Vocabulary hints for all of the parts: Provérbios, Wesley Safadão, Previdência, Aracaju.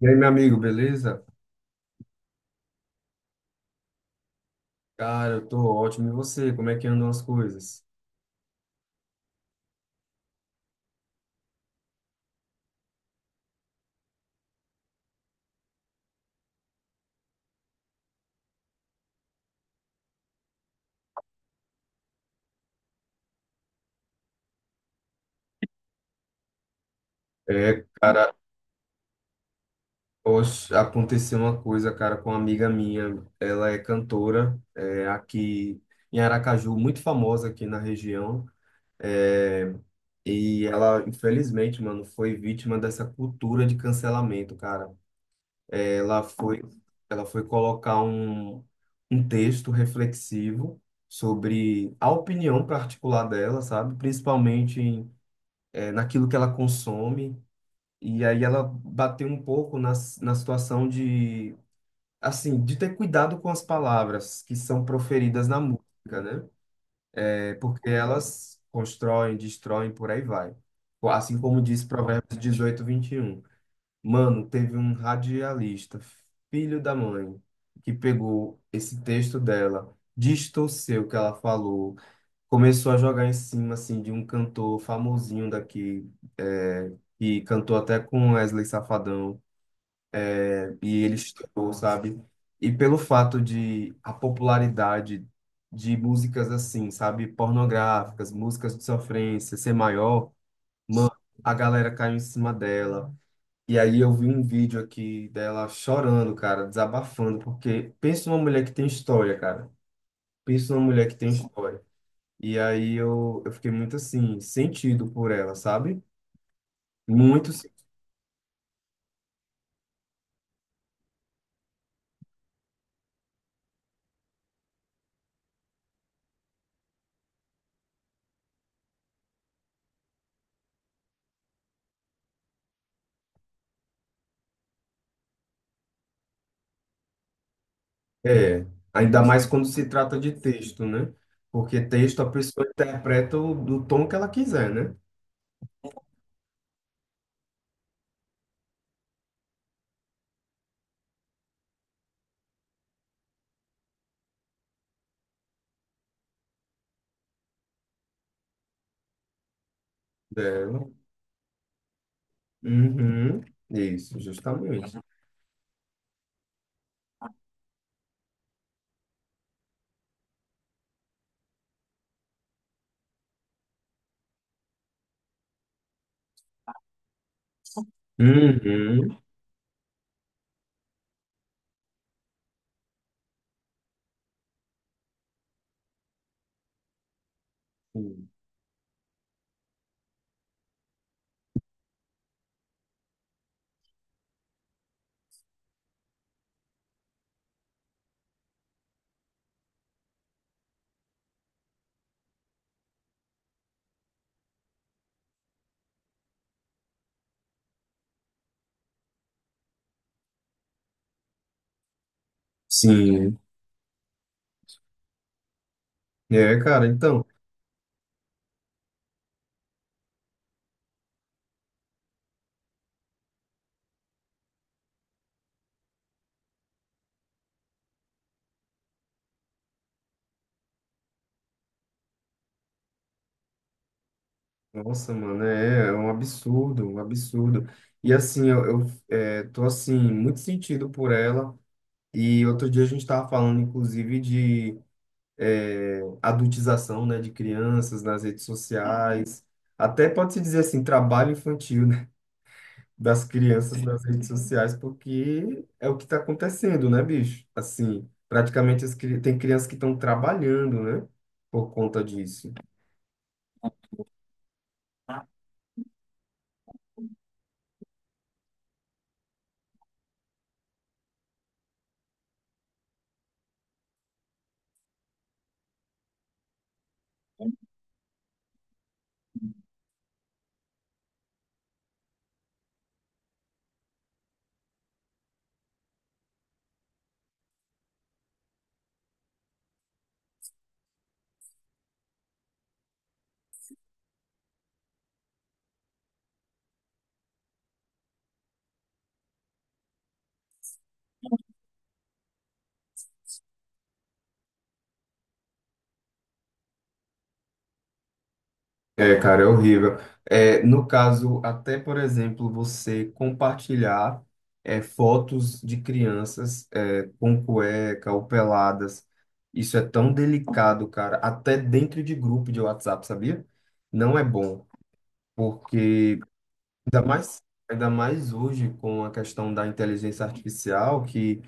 E aí, meu amigo, beleza? Cara, eu tô ótimo. E você? Como é que andam as coisas? É, cara, hoje aconteceu uma coisa, cara, com uma amiga minha. Ela é cantora, aqui em Aracaju, muito famosa aqui na região. É, e ela, infelizmente, mano, foi vítima dessa cultura de cancelamento, cara. Ela foi, ela foi colocar um texto reflexivo sobre a opinião particular dela, sabe? Principalmente em naquilo que ela consome. E aí ela bateu um pouco na situação de, assim, de ter cuidado com as palavras que são proferidas na música, né? É porque elas constroem, destroem, por aí vai. Assim como diz Provérbios 18:21. Mano, teve um radialista, filho da mãe, que pegou esse texto dela, distorceu o que ela falou, começou a jogar em cima assim de um cantor famosinho daqui, é, que cantou até com Wesley Safadão, né? E ele estourou, sabe? E pelo fato de a popularidade de músicas assim, sabe, pornográficas, músicas de sofrência ser maior, ma- a galera caiu em cima dela. E aí eu vi um vídeo aqui dela chorando, cara, desabafando, porque pensa numa mulher que tem história, cara. Pensa numa mulher que tem história. E aí eu fiquei muito assim, sentido por ela, sabe? Muito, sen- É, ainda mais quando se trata de texto, né? Porque texto a pessoa interpreta do tom que ela quiser, né? Dela. Uhum. Isso, justamente. Uhum. Sim. É, cara, então, nossa, mano, é, é um absurdo, um absurdo. E assim, eu tô assim, muito sentido por ela. E outro dia a gente tava falando, inclusive, de adultização, né, de crianças nas redes sociais, até pode-se dizer assim, trabalho infantil, né, das crianças nas redes sociais, porque é o que está acontecendo, né, bicho? Assim, praticamente tem crianças que estão trabalhando, né, por conta disso. É, cara, é horrível. É, no caso, até por exemplo, você compartilhar fotos de crianças, é, com cueca ou peladas, isso é tão delicado, cara, até dentro de grupo de WhatsApp, sabia? Não é bom, porque ainda mais, ainda mais hoje com a questão da inteligência artificial, que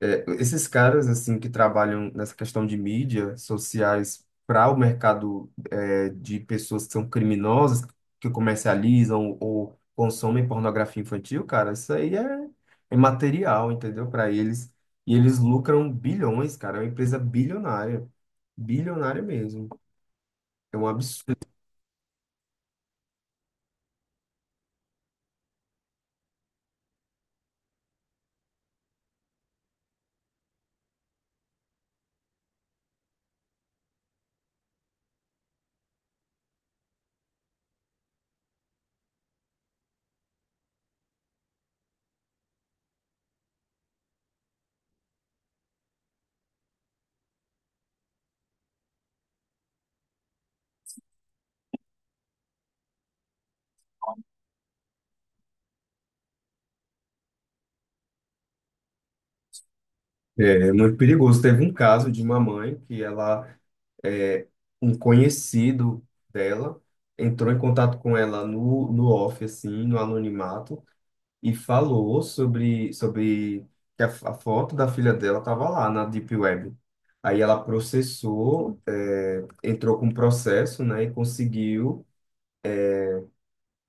esses caras assim que trabalham nessa questão de mídia sociais para o mercado, é, de pessoas que são criminosas, que comercializam ou consomem pornografia infantil, cara, isso aí é, é material, entendeu? Para eles. E eles lucram bilhões, cara. É uma empresa bilionária. Bilionária mesmo. É um absurdo. É, é muito perigoso. Teve um caso de uma mãe que ela, é, um conhecido dela, entrou em contato com ela no off, assim, no anonimato, e falou sobre que a foto da filha dela estava lá na Deep Web. Aí ela processou, é, entrou com processo, né, e conseguiu.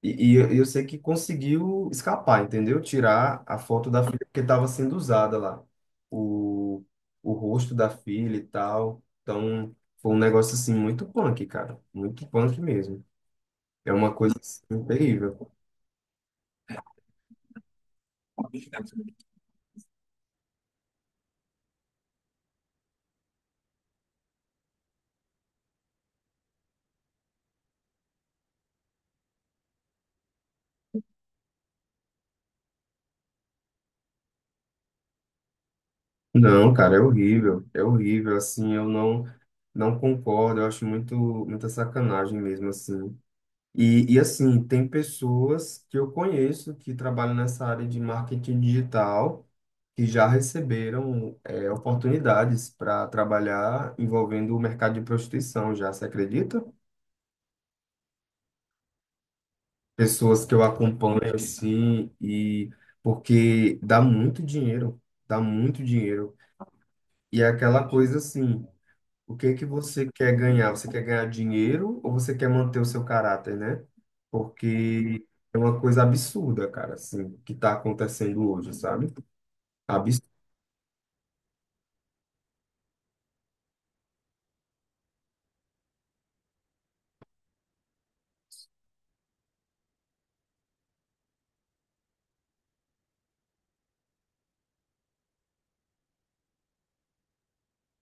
E eu sei que conseguiu escapar, entendeu? Tirar a foto da filha porque estava sendo usada lá. O, o rosto da filha e tal. Então, foi um negócio assim muito punk, cara. Muito punk mesmo. É uma coisa assim, terrível. Não, cara, é horrível. É horrível, assim, eu não não concordo. Eu acho muito muita sacanagem mesmo assim. E assim, tem pessoas que eu conheço que trabalham nessa área de marketing digital que já receberam, é, oportunidades para trabalhar envolvendo o mercado de prostituição, já se acredita? Pessoas que eu acompanho assim e porque dá muito dinheiro, dá muito dinheiro. E é aquela coisa assim, o que que você quer ganhar? Você quer ganhar dinheiro ou você quer manter o seu caráter, né? Porque é uma coisa absurda, cara, assim, que está acontecendo hoje, sabe? Absurdo.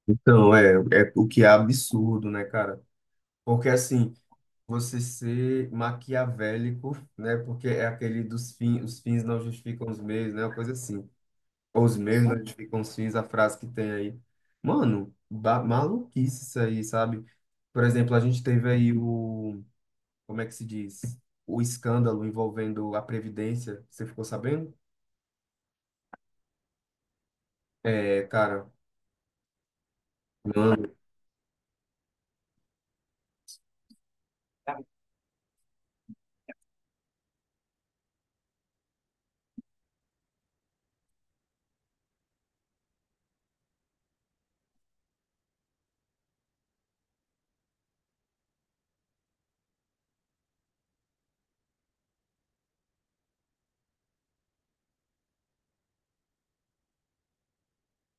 Então, é, é o que é absurdo, né, cara? Porque, assim, você ser maquiavélico, né? Porque é aquele dos fins, os fins não justificam os meios, né? Uma coisa assim. Ou os meios não justificam os fins, a frase que tem aí. Mano, maluquice isso aí, sabe? Por exemplo, a gente teve aí o como é que se diz? O escândalo envolvendo a Previdência, você ficou sabendo? É, cara, mano,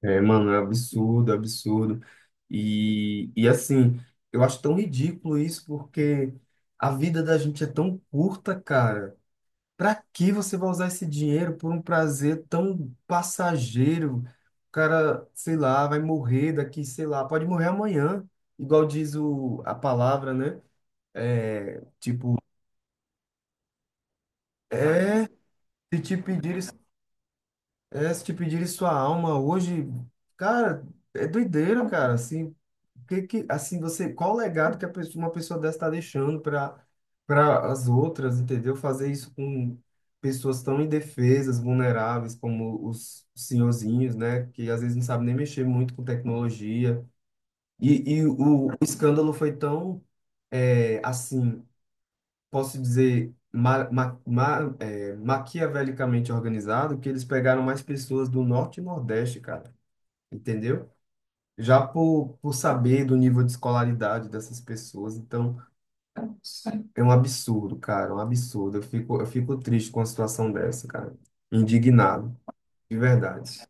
mano, é absurdo, absurdo. E assim, eu acho tão ridículo isso, porque a vida da gente é tão curta, cara. Pra que você vai usar esse dinheiro por um prazer tão passageiro? O cara, sei lá, vai morrer daqui, sei lá, pode morrer amanhã, igual diz o, a palavra, né? É, tipo, é, se te pedirem É, se te pedirem sua alma hoje, cara, é doideira, cara. Assim, que, assim você, qual o legado que a pessoa- uma pessoa dessa está deixando para para as outras, entendeu? Fazer isso com pessoas tão indefesas, vulneráveis, como os senhorzinhos, né? Que às vezes não sabem nem mexer muito com tecnologia. E o escândalo foi tão, é, assim posso dizer, é, maquiavelicamente organizado, que eles pegaram mais pessoas do norte e nordeste, cara, entendeu? Já por saber do nível de escolaridade dessas pessoas, então é um absurdo, cara, é um absurdo. Eu fico triste com a situação dessa, cara. Indignado, de verdade.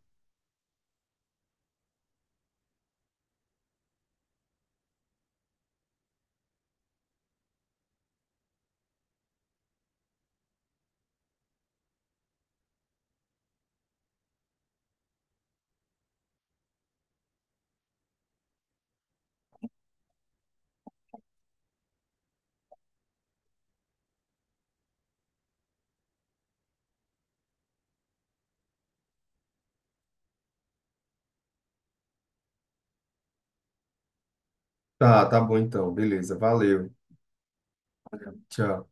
Tá, tá bom então, beleza, valeu, tchau.